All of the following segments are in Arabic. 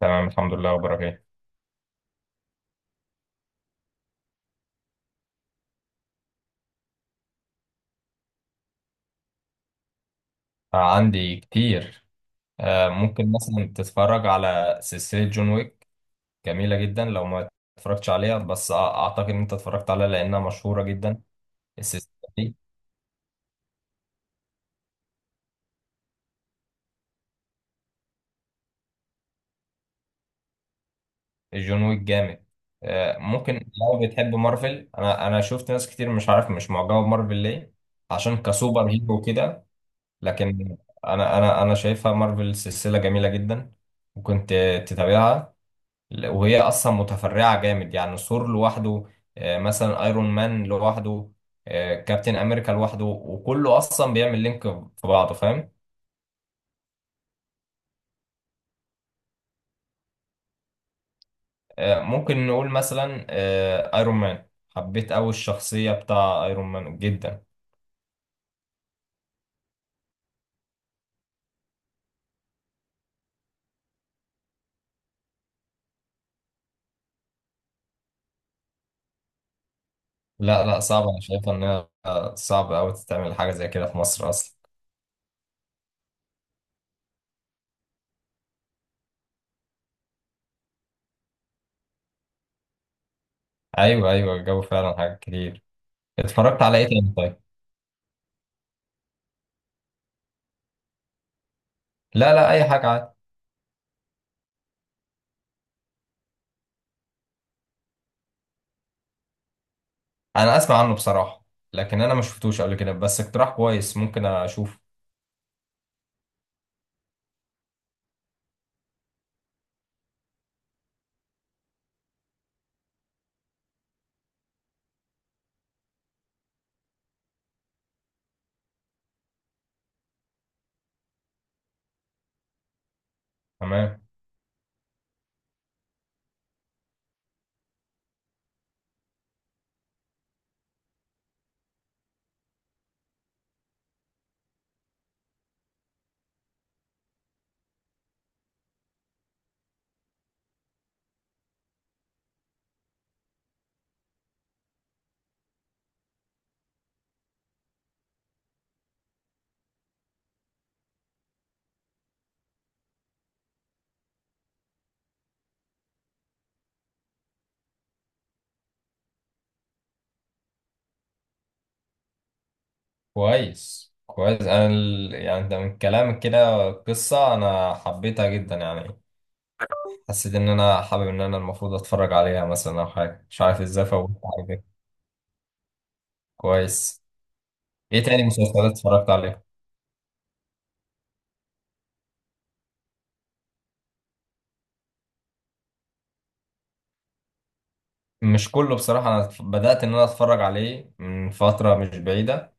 تمام الحمد لله، اخبارك ايه؟ آه، عندي كتير. آه، ممكن مثلا تتفرج على سلسلة جون ويك. جميلة جدا لو ما اتفرجتش عليها بس اعتقد ان انت اتفرجت عليها لانها مشهورة جدا. السلسلة دي جون ويك جامد. آه، ممكن لو بتحب مارفل انا شفت ناس كتير، مش عارف مش معجبة بمارفل ليه، عشان كسوبر هيرو كده. لكن انا شايفها مارفل سلسلة جميلة جدا، وكنت تتابعها، وهي اصلا متفرعه جامد، يعني ثور لوحده، مثلا ايرون مان لوحده، كابتن امريكا لوحده، وكله اصلا بيعمل لينك في بعضه، فاهم؟ ممكن نقول مثلا ايرون مان. حبيت قوي الشخصيه بتاع ايرون مان جدا. لا لا، صعب. انا شايفه انها صعب قوي تتعمل حاجه زي كده في مصر اصلا. ايوه ايوه، الجو فعلا حاجات كتير. اتفرجت على ايه تاني طيب؟ لا لا، اي حاجه عادي. انا اسمع عنه بصراحه، لكن انا ما شفتوش قبل كده، بس اقتراح كويس، ممكن اشوفه. تمام. كويس كويس. انا ال... يعني ده من كلامك كده قصة انا حبيتها جدا يعني، حسيت ان انا حابب ان انا المفروض اتفرج عليها مثلا، او حاجة مش عارف ازاي فوت حاجة كده. كويس. ايه تاني مسلسلات اتفرجت عليها؟ مش كله بصراحة. انا بدأت ان انا اتفرج عليه من فترة مش بعيدة،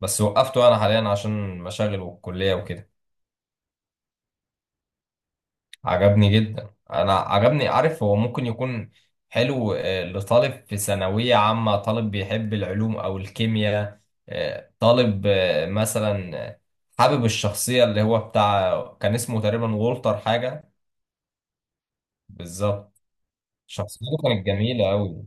بس وقفته انا حاليا عشان مشاغل والكلية وكده. عجبني جدا. انا عجبني، عارف، هو ممكن يكون حلو لطالب في ثانوية عامة، طالب بيحب العلوم او الكيمياء، آه، طالب آه، مثلا آه، حابب الشخصية اللي هو بتاع كان اسمه تقريبا وولتر حاجة. بالظبط. شخصيته كانت جميلة قوي.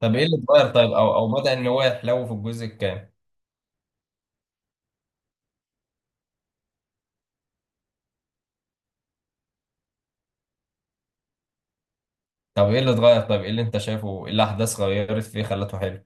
طب ايه اللي اتغير طيب، او او بدأ ان هو يحلو في الجزء الكام؟ طب ايه اللي اتغير طيب، ايه اللي انت شايفه، ايه الاحداث غيرت فيه خلته حلو؟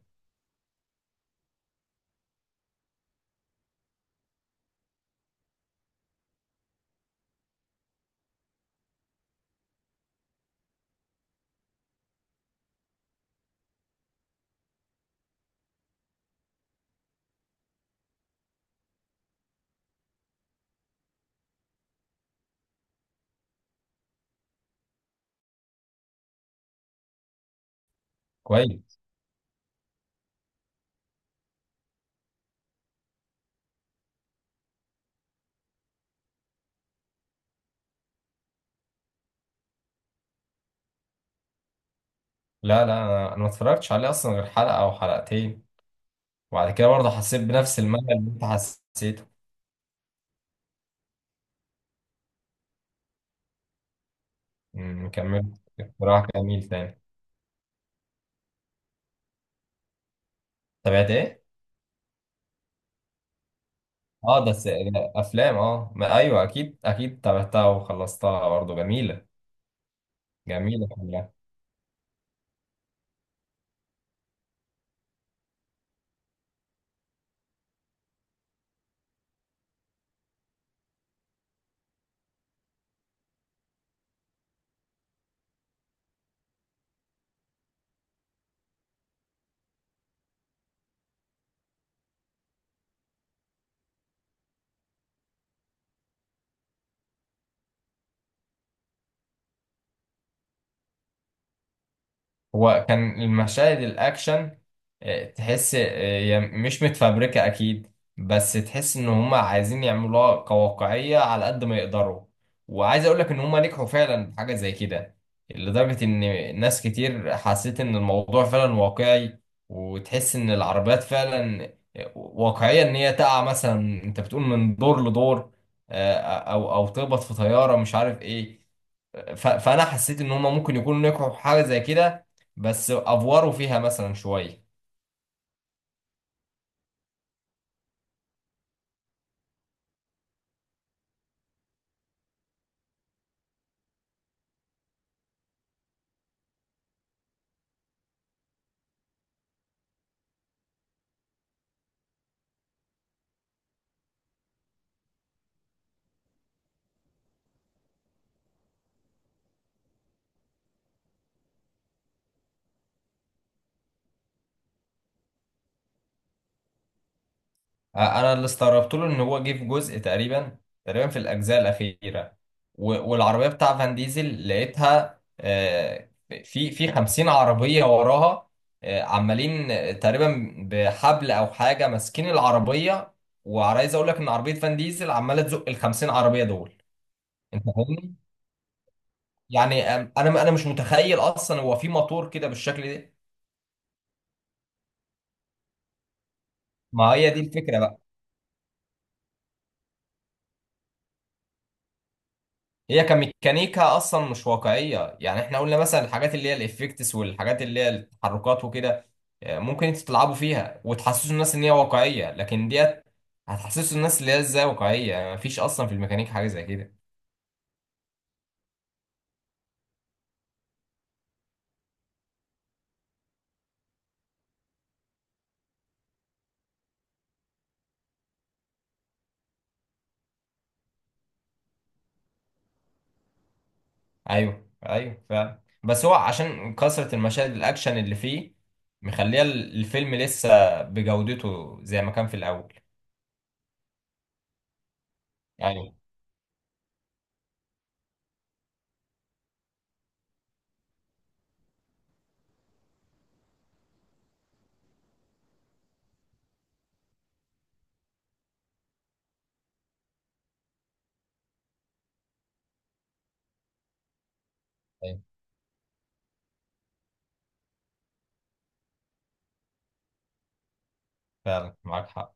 كويس. لا لا، انا ما اتفرجتش عليه اصلا غير حلقة او حلقتين، وبعد كده برضه حسيت بنفس الملل اللي انت حسيته. أمم، كملت. اقتراح جميل تاني. تابعت ايه؟ اه ده ده افلام. اه ما ايوه، اكيد اكيد تابعتها وخلصتها، برضه جميله. جميله كلها. هو كان المشاهد الاكشن، تحس هي مش متفبركه اكيد، بس تحس ان هم عايزين يعملوها كواقعيه على قد ما يقدروا، وعايز اقول لك ان هم نجحوا فعلا في حاجه زي كده، لدرجه ان ناس كتير حسيت ان الموضوع فعلا واقعي، وتحس ان العربيات فعلا واقعيه، ان هي تقع مثلا انت بتقول من دور لدور، او او تخبط في طياره مش عارف ايه. فانا حسيت ان هم ممكن يكونوا نجحوا في حاجه زي كده، بس افوروا فيها مثلا شويه. انا اللي استغربت له ان هو جه في جزء تقريبا، تقريبا في الاجزاء الاخيره، والعربيه بتاع فان ديزل لقيتها، في 50 عربيه وراها، عمالين تقريبا بحبل او حاجه ماسكين العربيه، وعايز اقول لك ان عربيه فان ديزل عماله تزق ال 50 عربيه دول. انت فاهمني؟ يعني انا مش متخيل اصلا هو في موتور كده بالشكل ده. ما هي دي الفكره. هي كميكانيكا اصلا مش واقعيه، يعني احنا قلنا مثلا الحاجات اللي هي الافكتس والحاجات اللي هي التحركات وكده، ممكن انتوا تلعبوا فيها وتحسسوا الناس ان هي واقعيه، لكن ديت هتحسسوا الناس اللي هي ازاي واقعيه، يعني مفيش اصلا في الميكانيك حاجه زي كده. ايوه ايوه، فعلا، بس هو عشان كثره المشاهد الاكشن اللي فيه مخليه الفيلم لسه بجودته زي ما كان في الاول. ايوه ايوه، فعلا معاك حق.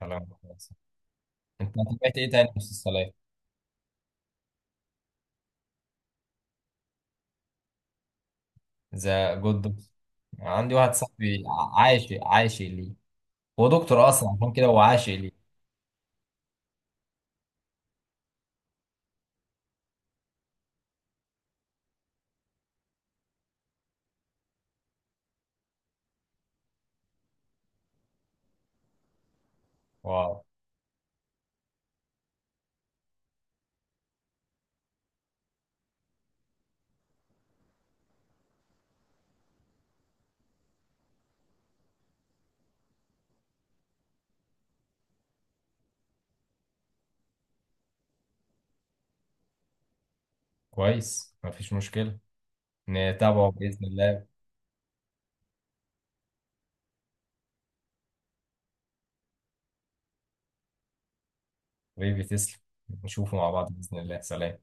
كلام كويس. انت تابعت ايه تاني مسلسلات؟ ذا جود دكتور؟ عندي واحد صاحبي عاشق عاشق ليه. هو دكتور اصلا، عشان كده هو عاشق ليه. واو. كويس، مفيش مشكلة، نتابعه بإذن الله. حبيبي تسلم، نشوفه مع بعض بإذن الله، سلام.